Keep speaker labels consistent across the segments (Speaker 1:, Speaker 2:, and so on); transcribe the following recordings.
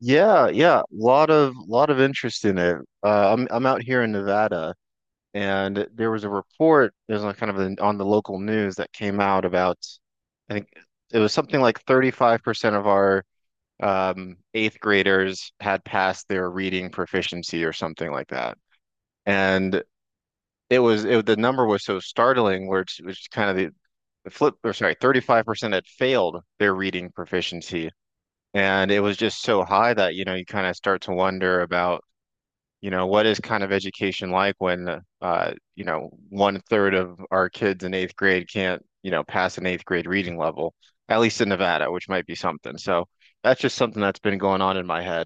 Speaker 1: Yeah, yeah, lot of interest in it. I'm out here in Nevada, and there was a report. There's a kind of an, on the local news that came out about, I think it was something like 35% of our eighth graders had passed their reading proficiency or something like that, and it was it the number was so startling, where it's, which kind of the flip or sorry, 35% had failed their reading proficiency, and it was just so high that you kind of start to wonder about what is kind of education like when, one third of our kids in eighth grade can't, pass an eighth grade reading level, at least in Nevada, which might be something. So that's just something that's been going on in my head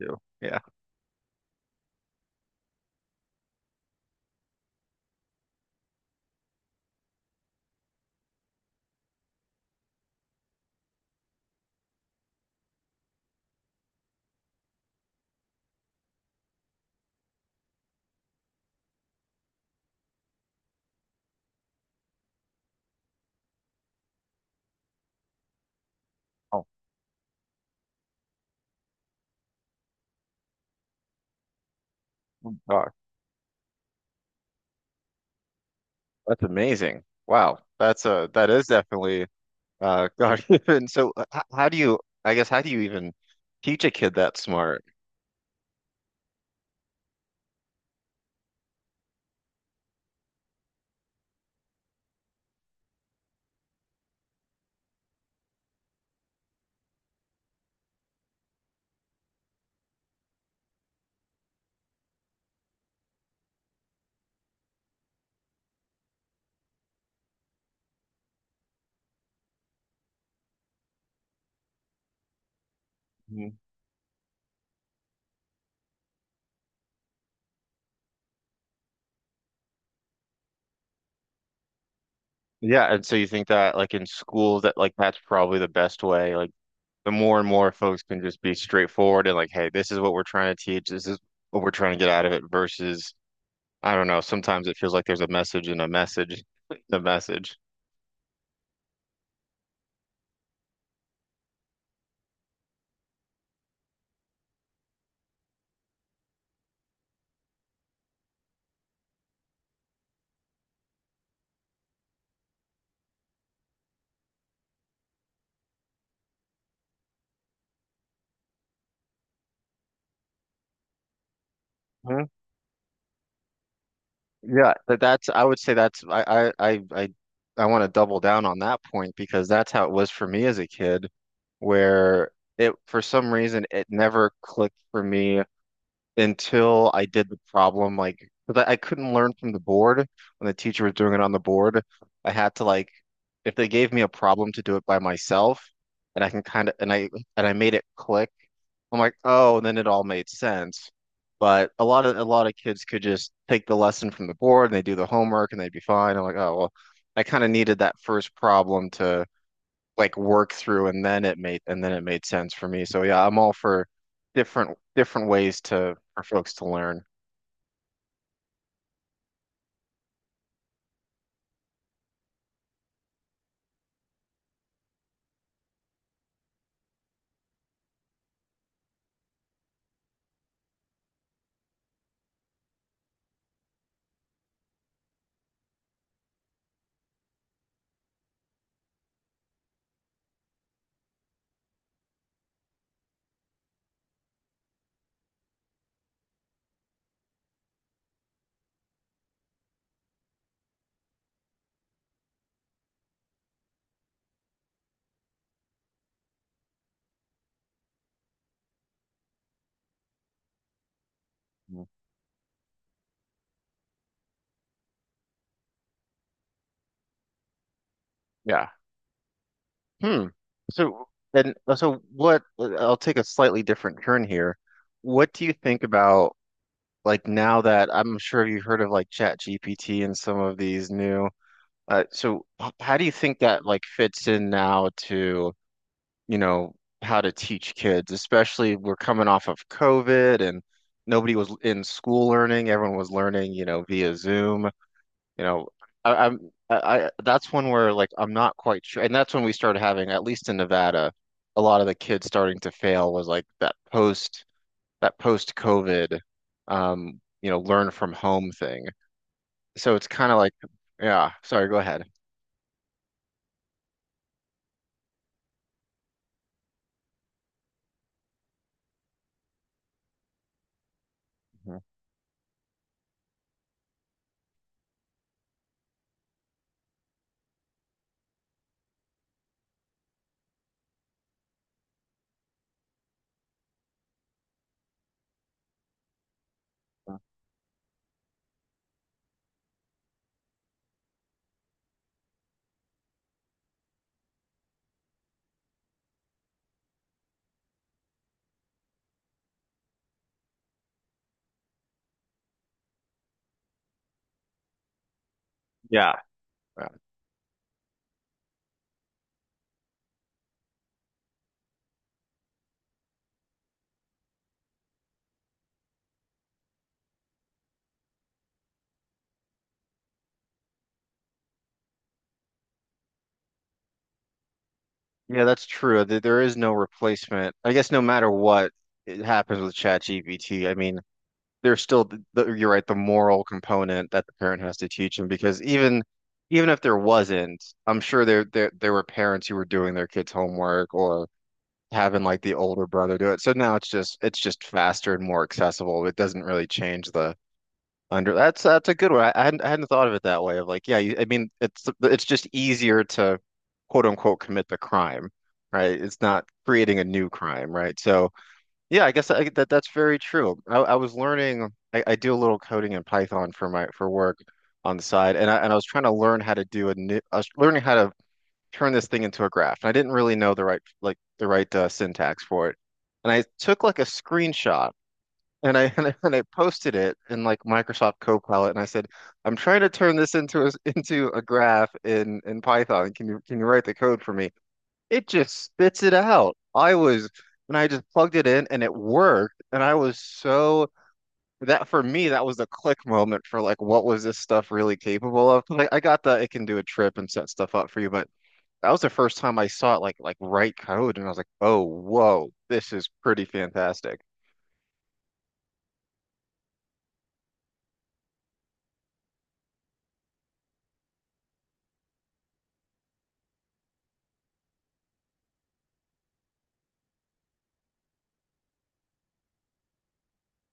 Speaker 1: too. Yeah. Oh, gosh. That's amazing. Wow. That's a, that is definitely, God given. So how do you, I guess, how do you even teach a kid that smart? Mhm. Yeah. And so you think that like in school that like that's probably the best way, like the more and more folks can just be straightforward and like, hey, this is what we're trying to teach. This is what we're trying to get out of it versus, I don't know, sometimes it feels like there's a message in a message, the message. Mhm. Yeah, but that's, I would say that's, I want to double down on that point because that's how it was for me as a kid, where it, for some reason, it never clicked for me until I did the problem, like, because I couldn't learn from the board when the teacher was doing it on the board. I had to like, if they gave me a problem to do it by myself, and I can kind of, and I made it click. I'm like, oh, and then it all made sense. But a lot of kids could just take the lesson from the board and they do the homework and they'd be fine. I'm like, oh well, I kind of needed that first problem to like work through and then it made and then it made sense for me. So yeah, I'm all for different ways to for folks to learn. Mhm. Yeah. Hmm. So and so what I'll take a slightly different turn here. What do you think about like now that I'm sure you've heard of like Chat GPT and some of these new how do you think that like fits in now to you know, how to teach kids, especially we're coming off of COVID and nobody was in school learning. Everyone was learning, via Zoom. You know, I that's one where like I'm not quite sure. And that's when we started having, at least in Nevada, a lot of the kids starting to fail was like that post COVID learn from home thing. So it's kind of like, yeah, sorry, go ahead. Mhm. Yeah. Yeah, that's true. There is no replacement. I guess no matter what it happens with ChatGPT, I mean, there's still you're right, the moral component that the parent has to teach them because even if there wasn't, I'm sure there were parents who were doing their kids' homework or having like the older brother do it. So now it's just faster and more accessible. It doesn't really change the under that's a good one. I hadn't thought of it that way. Of like, yeah, you, I mean, it's just easier to quote unquote commit the crime, right? It's not creating a new crime, right? So yeah, I guess that that's very true. I was learning. I do a little coding in Python for my for work on the side, and I was trying to learn how to do a new. I was learning how to turn this thing into a graph, and I didn't really know the right syntax for it. And I took like a screenshot and I, and I posted it in like Microsoft Copilot, and I said, "I'm trying to turn this into a graph in Python. Can you write the code for me?" It just spits it out. I was and I just plugged it in, and it worked. And I was so that for me that was the click moment for like what was this stuff really capable of? Like I got the it can do a trip and set stuff up for you, but that was the first time I saw it like write code, and I was like, "Oh, whoa, this is pretty fantastic."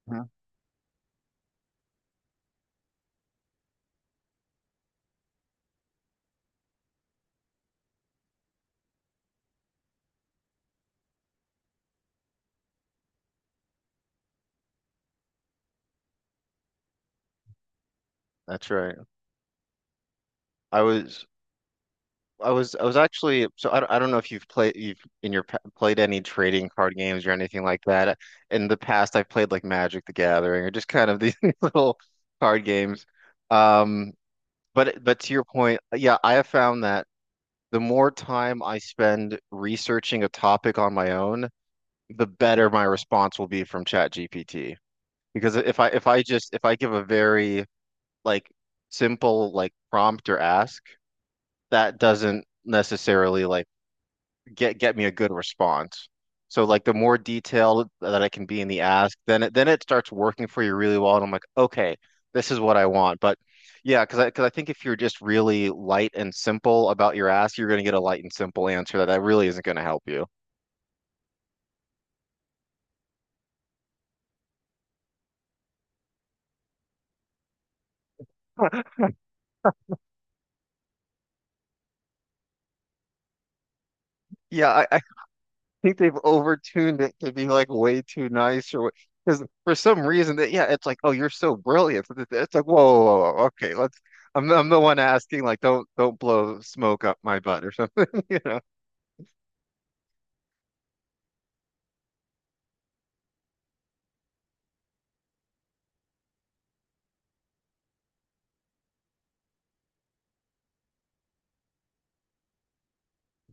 Speaker 1: Mhm. That's right. I was I was actually so I don't know if you've played you've in your pa- played any trading card games or anything like that. In the past, I've played like Magic the Gathering or just kind of these little card games. Um, but to your point, yeah, I have found that the more time I spend researching a topic on my own, the better my response will be from ChatGPT. Because if I give a very like simple like prompt or ask, that doesn't necessarily like get me a good response. So like the more detailed that I can be in the ask, then it starts working for you really well, and I'm like, okay, this is what I want. But yeah, because I think if you're just really light and simple about your ask, you're gonna get a light and simple answer that really isn't gonna help you. Yeah, I think they've overtuned it to be like way too nice or because for some reason that yeah, it's like oh you're so brilliant. It's like whoa, whoa, whoa, whoa, okay, let's. I'm the one asking like don't blow smoke up my butt or something, you know.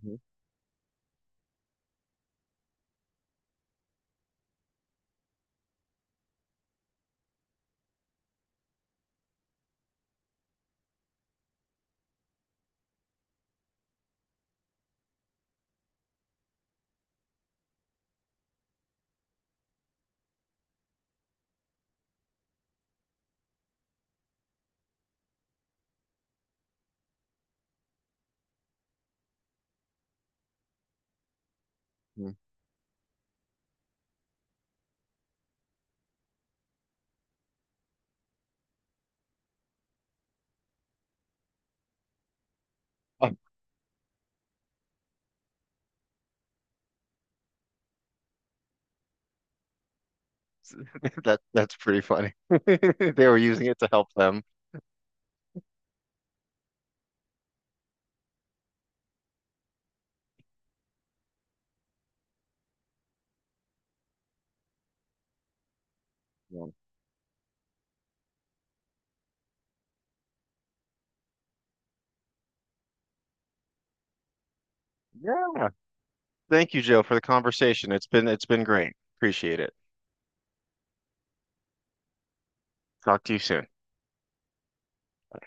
Speaker 1: Mhm, mhm. Um, That that's pretty funny. They were using it to help them. Yeah. Yeah. Thank you, Joe, for the conversation. It's been great. Appreciate it. Talk to you soon.